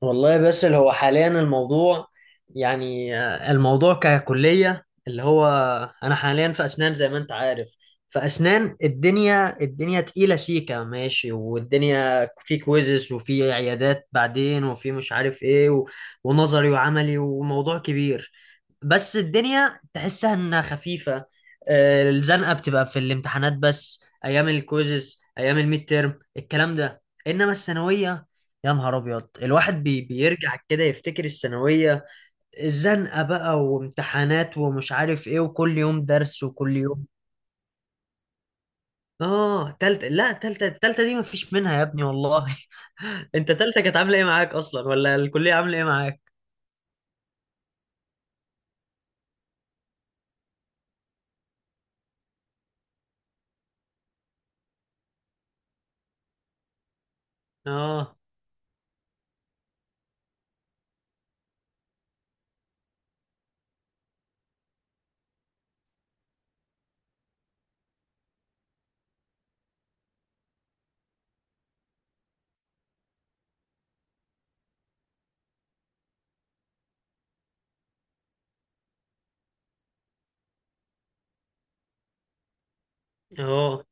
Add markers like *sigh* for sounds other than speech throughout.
والله بس اللي هو حاليا الموضوع يعني الموضوع ككلية اللي هو أنا حاليا في أسنان زي ما أنت عارف. في أسنان الدنيا الدنيا تقيلة سيكة ماشي، والدنيا في كويزز وفي عيادات بعدين وفي مش عارف إيه ونظري وعملي وموضوع كبير، بس الدنيا تحسها انها خفيفة. الزنقة بتبقى في الامتحانات بس، ايام الكويزز ايام الميد تيرم الكلام ده. انما الثانوية، يا نهار ابيض! الواحد بيرجع كده يفتكر الثانوية، الزنقة بقى وامتحانات ومش عارف ايه، وكل يوم درس وكل يوم. اه، تالتة. لا تالتة التالتة دي مفيش منها يا ابني والله. *laughs* انت تالتة كانت عاملة ايه معاك اصلا، ولا الكلية عاملة ايه معاك؟ اه. اه.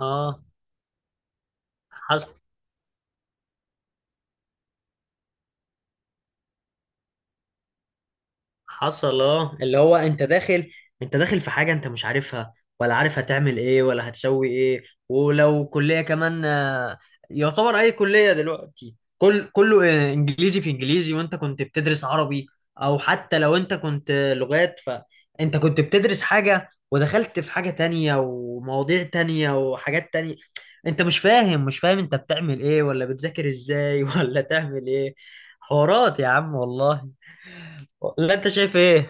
اه، حصل. حصل اه، اللي هو انت داخل، انت داخل في حاجة انت مش عارفها، ولا عارف هتعمل ايه ولا هتسوي ايه. ولو كلية كمان، يعتبر اي كلية دلوقتي كل كله انجليزي في انجليزي، وانت كنت بتدرس عربي. او حتى لو انت كنت لغات، فانت كنت بتدرس حاجة ودخلت في حاجة تانية ومواضيع تانية وحاجات تانية. انت مش فاهم مش فاهم انت بتعمل ايه، ولا بتذاكر ازاي *laughs* ولا تعمل ايه. حوارات يا عم والله. لا انت شايف ايه؟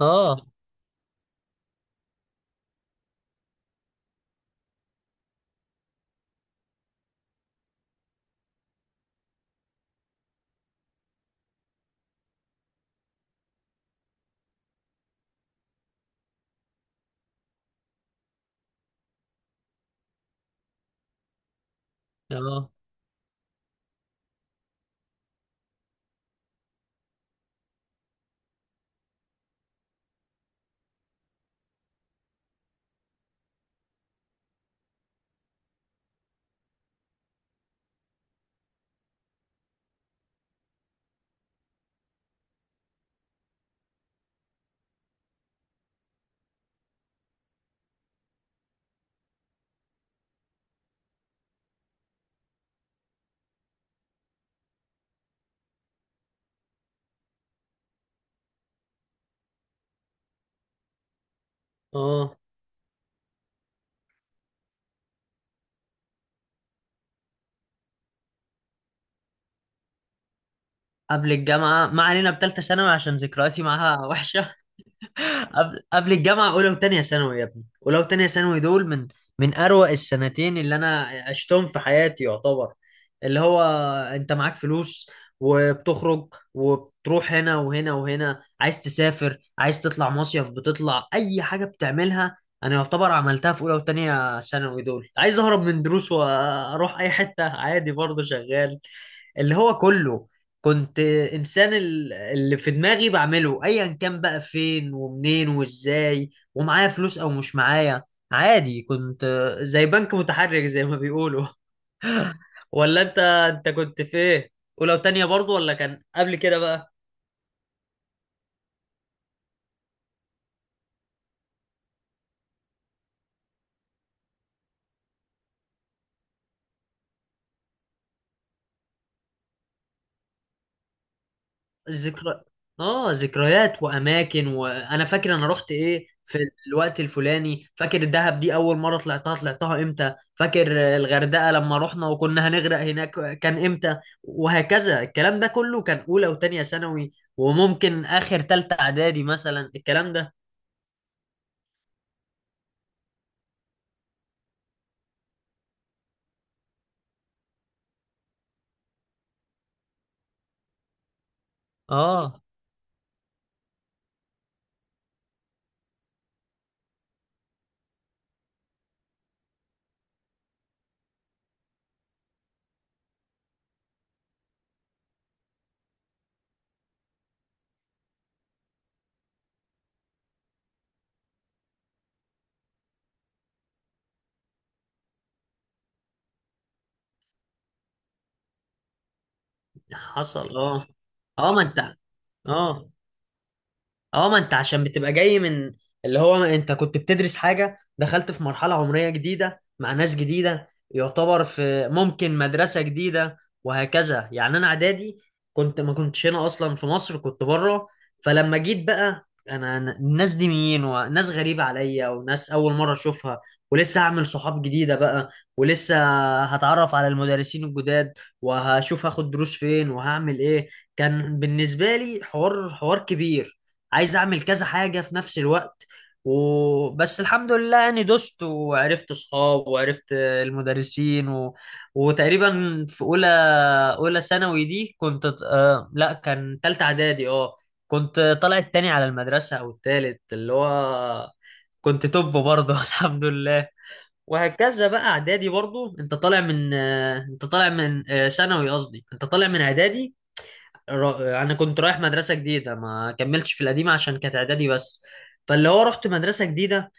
اه. اه. اه. قبل الجامعة ما علينا، بتالتة ثانوي عشان ذكرياتي معاها وحشة. *laughs* قبل الجامعة، أولى وتانية ثانوي يا ابني، أولى وتانية ثانوي دول من أروع السنتين اللي أنا عشتهم في حياتي يعتبر. اللي هو أنت معاك فلوس، وبتخرج وبتروح هنا وهنا وهنا، عايز تسافر، عايز تطلع مصيف، بتطلع أي حاجة بتعملها. أنا يعتبر عملتها في أولى وتانية ثانوي دول، عايز أهرب من دروس وأروح أي حتة، عادي، برضه شغال. اللي هو كله، كنت انسان اللي في دماغي بعمله ايا كان، بقى فين ومنين وازاي، ومعايا فلوس او مش معايا، عادي. كنت زي بنك متحرك زي ما بيقولوا. *laughs* ولا انت كنت في ايه؟ ولو تانية برضو، ولا كان قبل كده بقى؟ ذكرى. اه، ذكريات واماكن. وانا فاكر انا رحت ايه في الوقت الفلاني، فاكر الدهب دي اول مره طلعتها طلعتها امتى، فاكر الغردقه لما رحنا وكنا هنغرق هناك كان امتى، وهكذا. الكلام ده كله كان اولى وتانية ثانوي، وممكن اخر تالتة اعدادي مثلا الكلام ده. اه، حصل. اه. اه، ما انت. اه. اه، ما انت عشان بتبقى جاي من، اللي هو ما انت كنت بتدرس حاجة، دخلت في مرحلة عمرية جديدة مع ناس جديدة، يعتبر في ممكن مدرسة جديدة، وهكذا. يعني انا اعدادي كنت ما كنتش هنا اصلا في مصر، كنت بره. فلما جيت بقى، الناس دي مين؟ وناس غريبة عليا، وناس اول مرة اشوفها، ولسه هعمل صحاب جديدة بقى، ولسه هتعرف على المدرسين الجداد، وهشوف هاخد دروس فين وهعمل ايه. كان بالنسبة لي حوار حوار كبير، عايز اعمل كذا حاجه في نفس الوقت. وبس الحمد لله يعني، دوست وعرفت صحاب وعرفت المدرسين. وتقريبا في اولى، ثانوي دي كنت لا، كان تالتة اعدادي اه، كنت طالع التاني على المدرسه او التالت، اللي هو كنت توب برضه. *laughs* الحمد لله. وهكذا بقى اعدادي برضه، انت طالع من انت طالع من ثانوي، قصدي انت طالع من اعدادي. انا كنت رايح مدرسه جديده، ما كملتش في القديمه عشان كانت اعدادي بس. فاللي هو رحت مدرسه جديده،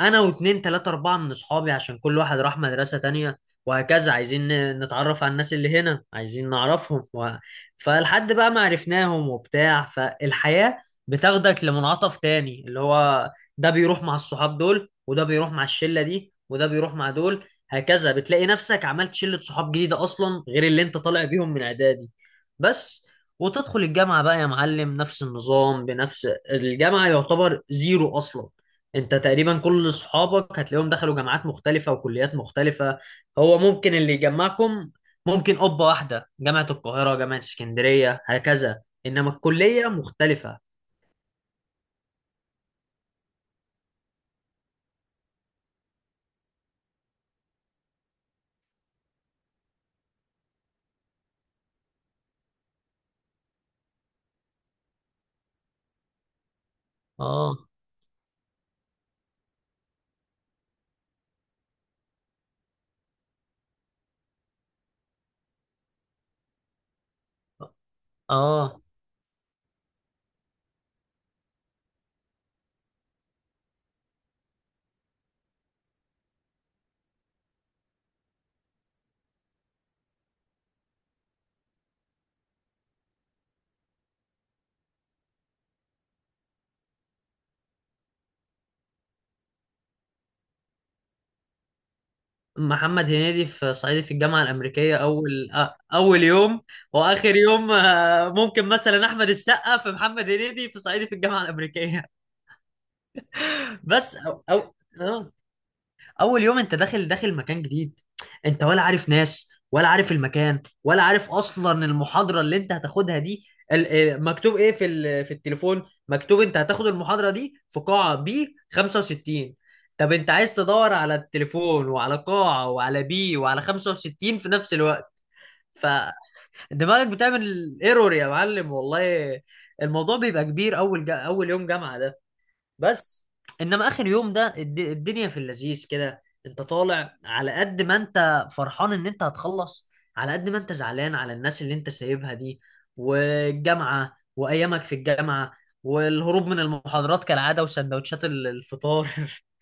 انا واتنين تلاتة اربعة من اصحابي، عشان كل واحد راح مدرسة تانية. وهكذا عايزين نتعرف على الناس اللي هنا، عايزين نعرفهم. فلحد بقى ما عرفناهم وبتاع، فالحياة بتاخدك لمنعطف تاني، اللي هو ده بيروح مع الصحاب دول، وده بيروح مع الشلة دي، وده بيروح مع دول، هكذا. بتلاقي نفسك عملت شلة صحاب جديدة اصلا، غير اللي انت طالع بيهم من اعدادي، بس. وتدخل الجامعة بقى يا معلم، نفس النظام بنفس. الجامعة يعتبر زيرو اصلا، انت تقريبا كل اصحابك هتلاقيهم دخلوا جامعات مختلفة وكليات مختلفة. هو ممكن اللي يجمعكم، ممكن قبة واحدة، جامعة القاهرة، جامعة اسكندرية، هكذا، انما الكلية مختلفة. اه. اه. محمد هنيدي في صعيدي في الجامعة الأمريكية، أول يوم. وآخر يوم، ممكن مثلا أحمد السقا في محمد هنيدي في صعيدي في الجامعة الأمريكية. *laughs* بس. أو آه. اول يوم انت داخل، داخل مكان جديد، انت ولا عارف ناس، ولا عارف المكان، ولا عارف اصلا المحاضره اللي انت هتاخدها دي. ال- مكتوب ايه في في التليفون؟ مكتوب انت هتاخد المحاضره دي في قاعه بي 65. طب انت عايز تدور على التليفون، وعلى قاعه، وعلى بي، وعلى 65 في نفس الوقت. فدماغك بتعمل ايرور يا معلم والله. الموضوع بيبقى كبير اول اول يوم جامعه، بس. انما اخر يوم ده، الدنيا في اللذيذ كده، انت طالع على قد ما انت فرحان ان انت هتخلص، على قد ما انت زعلان على الناس اللي انت سايبها دي، والجامعة، وايامك في الجامعة، والهروب من المحاضرات كالعادة، وسندوتشات الفطار. *laughs*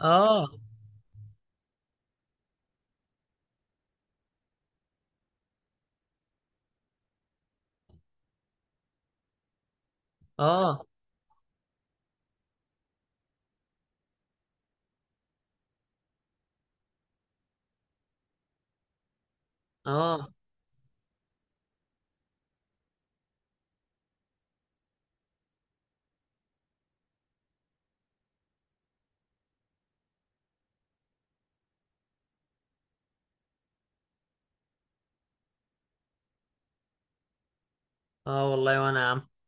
اه. اه. اه. اه، والله وانا يا عم.